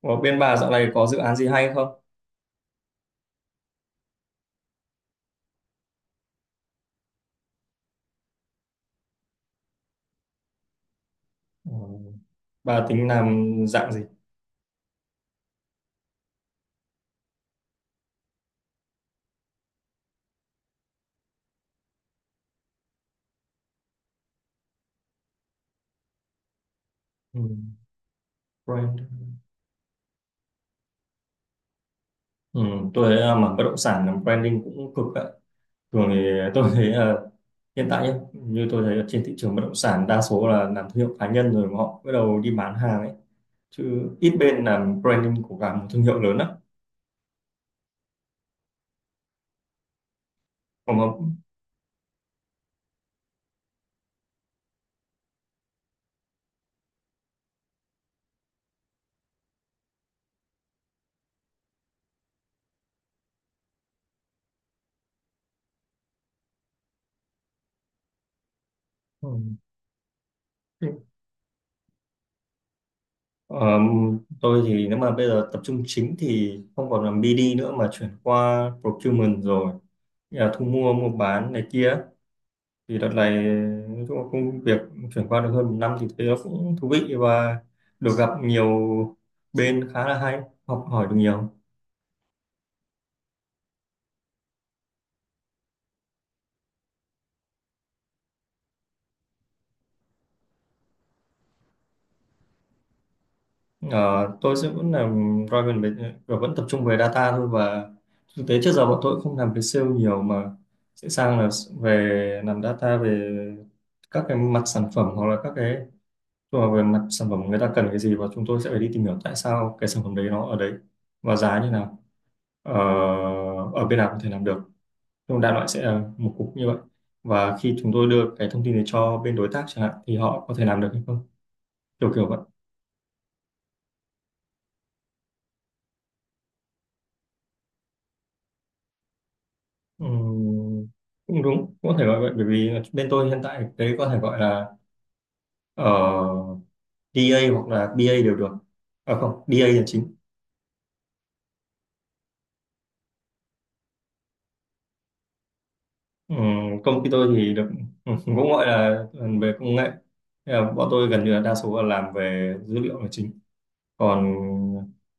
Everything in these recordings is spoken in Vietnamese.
Ở bên bà dạo này có dự án gì hay không? Ừ. Bà tính làm dạng gì? Ừ. Brand. Ừ. Tôi thấy là mảng bất động sản làm branding cũng cực ạ. Thường thì tôi thấy là hiện tại nhé, như tôi thấy là trên thị trường bất động sản đa số là làm thương hiệu cá nhân rồi mà họ bắt đầu đi bán hàng ấy. Chứ ít bên làm branding của cả một thương hiệu lớn lắm. Còn mà ừ. Ờ, tôi thì nếu mà bây giờ tập trung chính thì không còn làm BD nữa mà chuyển qua procurement rồi, nghĩa là thu mua mua bán này kia. Thì đợt này nói chung là công việc chuyển qua được hơn một năm thì thấy nó cũng thú vị và được gặp nhiều bên khá là hay, học hỏi được nhiều. Ờ, tôi sẽ vẫn làm Raven về và vẫn tập trung về data thôi, và thực tế trước giờ bọn tôi cũng không làm về sale nhiều mà sẽ sang là về làm data về các cái mặt sản phẩm hoặc là các cái, tức là về mặt sản phẩm người ta cần cái gì và chúng tôi sẽ phải đi tìm hiểu tại sao cái sản phẩm đấy nó ở đấy và giá như nào. Ờ, Ở bên nào có thể làm được. Nhưng đại loại sẽ là một cục như vậy, và khi chúng tôi đưa cái thông tin này cho bên đối tác chẳng hạn thì họ có thể làm được hay không, kiểu kiểu vậy. Ừm, Cũng đúng, cũng có thể gọi vậy, bởi vì bên tôi hiện tại đấy có thể gọi là uh, DA hoặc là BA đều được, à không, DA là chính. Ừm, Công ty tôi thì được cũng gọi là về công nghệ. Thế là bọn tôi gần như là đa số là làm về dữ liệu là chính, còn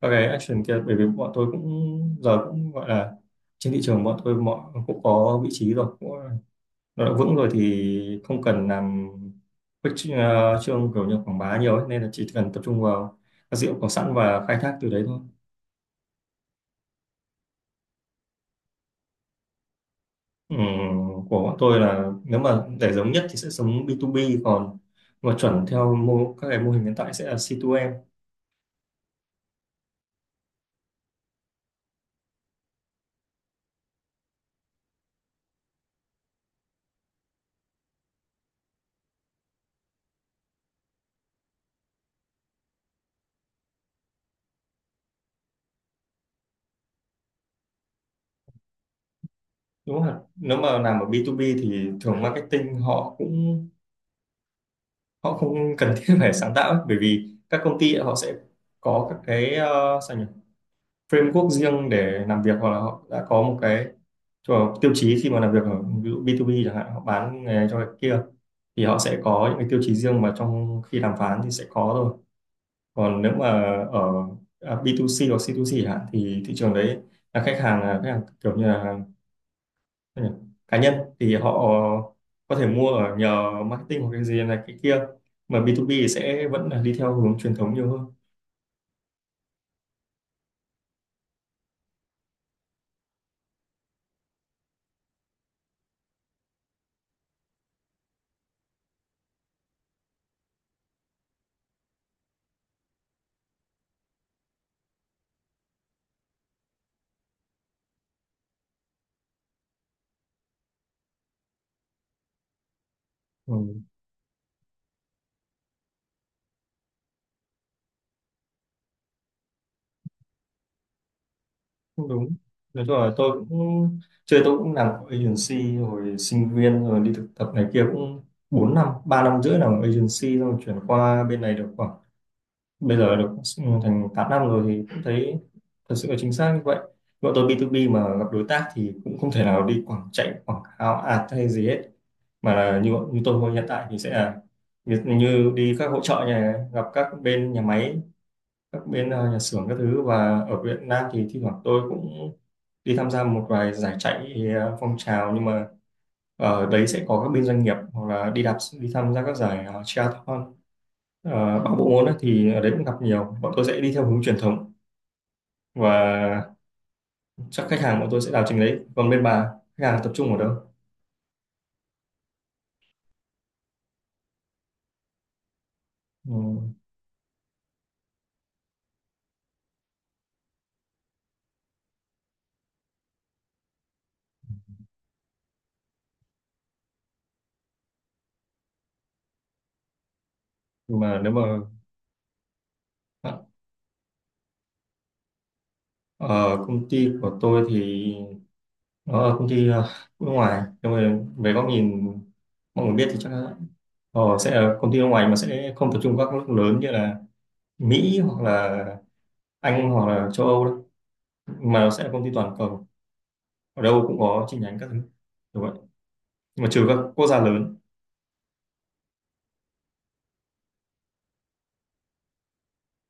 các cái action kia bởi vì bọn tôi cũng giờ cũng gọi là trên thị trường bọn tôi mọi cũng có vị trí rồi cũng, nó đã vững rồi thì không cần làm khuếch trương kiểu như quảng bá nhiều ấy, nên là chỉ cần tập trung vào các dữ liệu có sẵn và khai thác từ đấy thôi. Ừm, của bọn tôi là nếu mà để giống nhất thì sẽ giống B2B, còn mà chuẩn theo các cái mô hình hiện tại sẽ là C2M. Đúng không ạ, nếu mà làm ở B2B thì thường marketing họ cũng họ không cần thiết phải sáng tạo ấy, bởi vì các công ty ấy, họ sẽ có các cái sao nhỉ, framework riêng để làm việc, hoặc là họ đã có một cái cho tiêu chí khi mà làm việc ở ví dụ B2B chẳng hạn, họ bán nghề cho cái kia thì họ sẽ có những cái tiêu chí riêng mà trong khi đàm phán thì sẽ có thôi. Còn nếu mà ở B2C hoặc C2C chẳng hạn thì thị trường đấy là khách hàng, là khách hàng kiểu như là. Ừ. Cá nhân thì họ có thể mua ở nhờ marketing hoặc cái gì này cái kia, mà B2B thì sẽ vẫn là đi theo hướng truyền thống nhiều hơn. Ừ. Cũng đúng, nói chung là tôi cũng chơi tôi cũng làm agency rồi, sinh viên rồi đi thực tập này kia cũng 4 năm, 3 năm rưỡi làm agency, xong rồi chuyển qua bên này được khoảng bây giờ được thành 8 năm rồi thì cũng thấy thật sự là chính xác như vậy. Bọn tôi B2B mà gặp đối tác thì cũng không thể nào đi chạy quảng cáo ad hay gì hết, mà là như như tôi hiện tại thì sẽ là như, như đi các hỗ trợ nhà gặp các bên nhà máy, các bên nhà xưởng các thứ, và ở Việt Nam thì thi thoảng tôi cũng đi tham gia một vài giải chạy phong trào, nhưng mà ở đấy sẽ có các bên doanh nghiệp, hoặc là đi đạp, đi tham gia các giải triathlon. Bằng bộ môn ấy, thì ở đấy cũng gặp nhiều, bọn tôi sẽ đi theo hướng truyền thống, và chắc khách hàng bọn tôi sẽ đào trình đấy, còn bên bà khách hàng tập trung ở đâu. Ừ, nhưng mà nếu mà ờ, ở công ty của tôi thì công ty nước ngoài, nhưng mà về góc nhìn mọi người biết thì chắc là sẽ là công ty nước ngoài mà sẽ không tập trung các nước lớn như là Mỹ hoặc là Anh hoặc là châu Âu đâu, mà nó sẽ là công ty toàn cầu, ở đâu cũng có chi nhánh các thứ, đúng vậy, nhưng mà trừ các quốc gia lớn.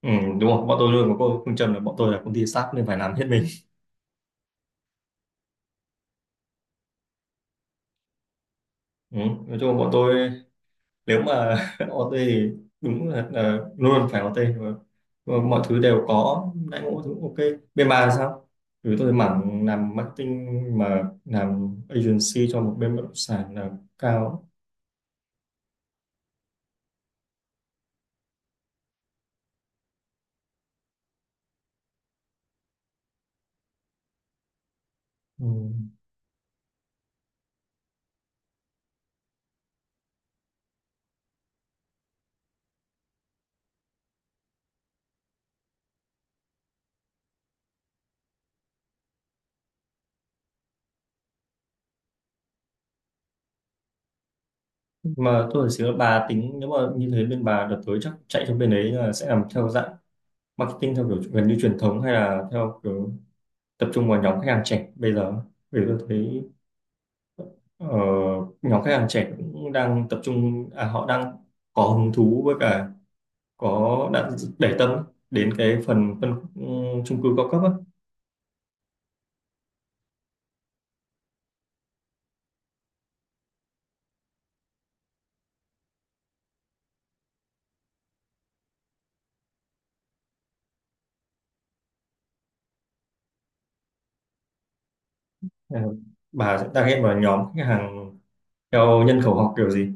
Ừ, đúng không, bọn tôi luôn có cô phương châm là bọn tôi là công ty start nên phải làm hết mình. Ừ. Nói chung là bọn tôi nếu mà OT thì đúng là, luôn luôn phải OT mà, và mọi thứ đều có đãi ngộ thứ, ok. Bên bà là sao, vì tôi mảng làm marketing mà làm agency cho một bên bất động sản là cao. Ừ. Mà tôi phải xíu là bà tính nếu mà như thế bên bà đợt tới chắc chạy cho bên đấy là sẽ làm theo dạng marketing theo kiểu gần như truyền thống hay là theo kiểu tập trung vào nhóm khách hàng trẻ bây giờ, vì tôi thấy Ờ, nhóm khách hàng trẻ cũng đang tập trung, họ đang có hứng thú với cả có đang để tâm đến cái phần phân khúc chung cư cao cấp á. Ờ, bà sẽ target vào nhóm khách hàng theo nhân khẩu học kiểu gì.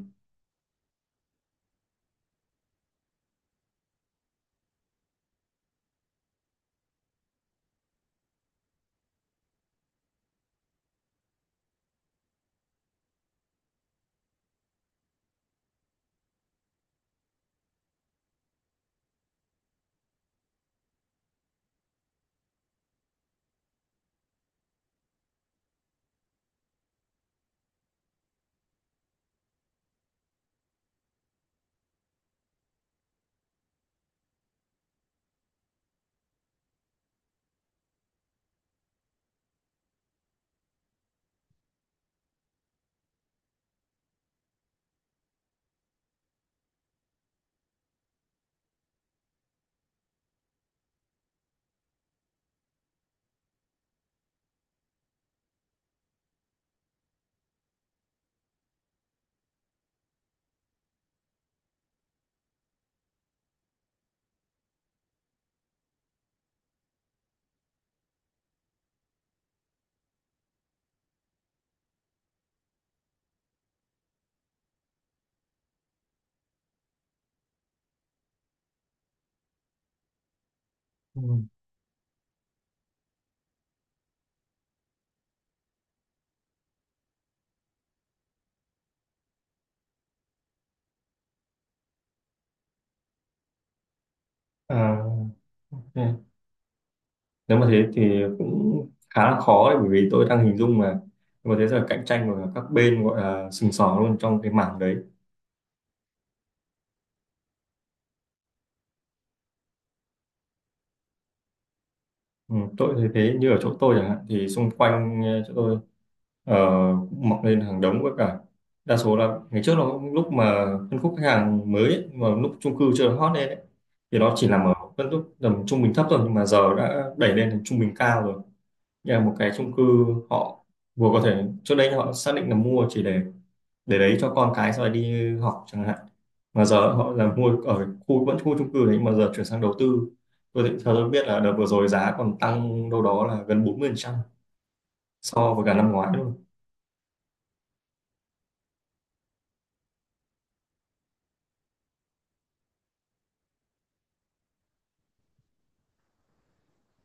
Ừ. À, ừ. Nếu mà thế thì cũng khá là khó đấy bởi vì tôi đang hình dung mà có thế giờ cạnh tranh của các bên gọi là sừng sỏ luôn trong cái mảng đấy. Ừ, tôi thấy thế như ở chỗ tôi chẳng hạn thì xung quanh chỗ tôi cũng mọc lên hàng đống với cả đa số là ngày trước nó lúc mà phân khúc khách hàng mới ấy, mà lúc chung cư chưa hot lên ấy, thì nó chỉ nằm ở phân khúc tầm trung bình thấp thôi, nhưng mà giờ đã đẩy lên thành trung bình cao rồi. Như là một cái chung cư họ vừa có thể trước đây họ xác định là mua chỉ để đấy cho con cái sau này đi học chẳng hạn, mà giờ họ là mua ở khu vẫn khu chung cư đấy mà giờ chuyển sang đầu tư. Theo tôi biết là đợt vừa rồi giá còn tăng đâu đó là gần 40% so với cả năm ngoái luôn.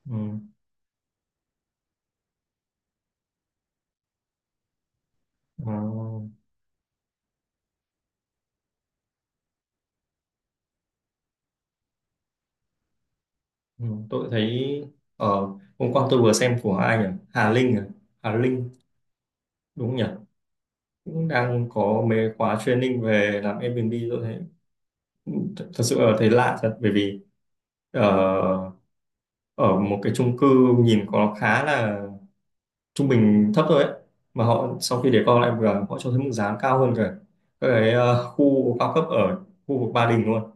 Ừ. Ờ, ừ. Tôi thấy ở hôm qua tôi vừa xem của ai nhỉ, Hà Linh à? Hà Linh đúng không nhỉ, cũng đang có mấy khóa training về làm Airbnb tôi thấy thật thật sự là thấy lạ thật bởi vì ờ, ở một cái chung cư nhìn có khá là trung bình thấp thôi ấy, mà họ sau khi để con lại vừa họ cho thấy mức giá cao hơn cả các cái khu cao cấp ở khu vực Ba Đình luôn.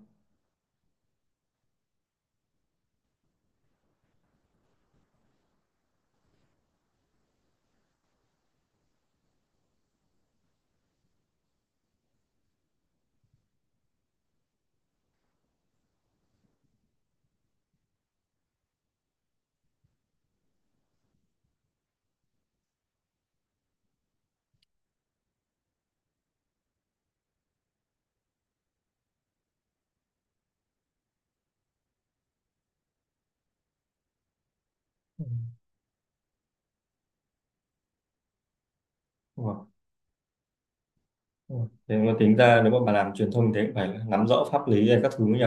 Ừ. Đúng rồi. Đúng rồi. Thế mà tính ra nếu mà bà làm truyền thông thì cũng phải nắm rõ pháp lý hay các thứ nhỉ.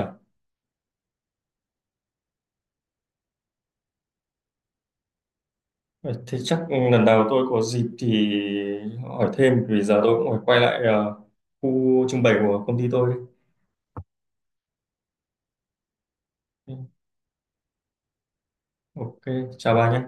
Ờ, Thế chắc lần đầu tôi có dịp thì hỏi thêm, vì giờ tôi cũng phải quay lại khu trưng bày của công ty tôi. Ok, chào bà nhé.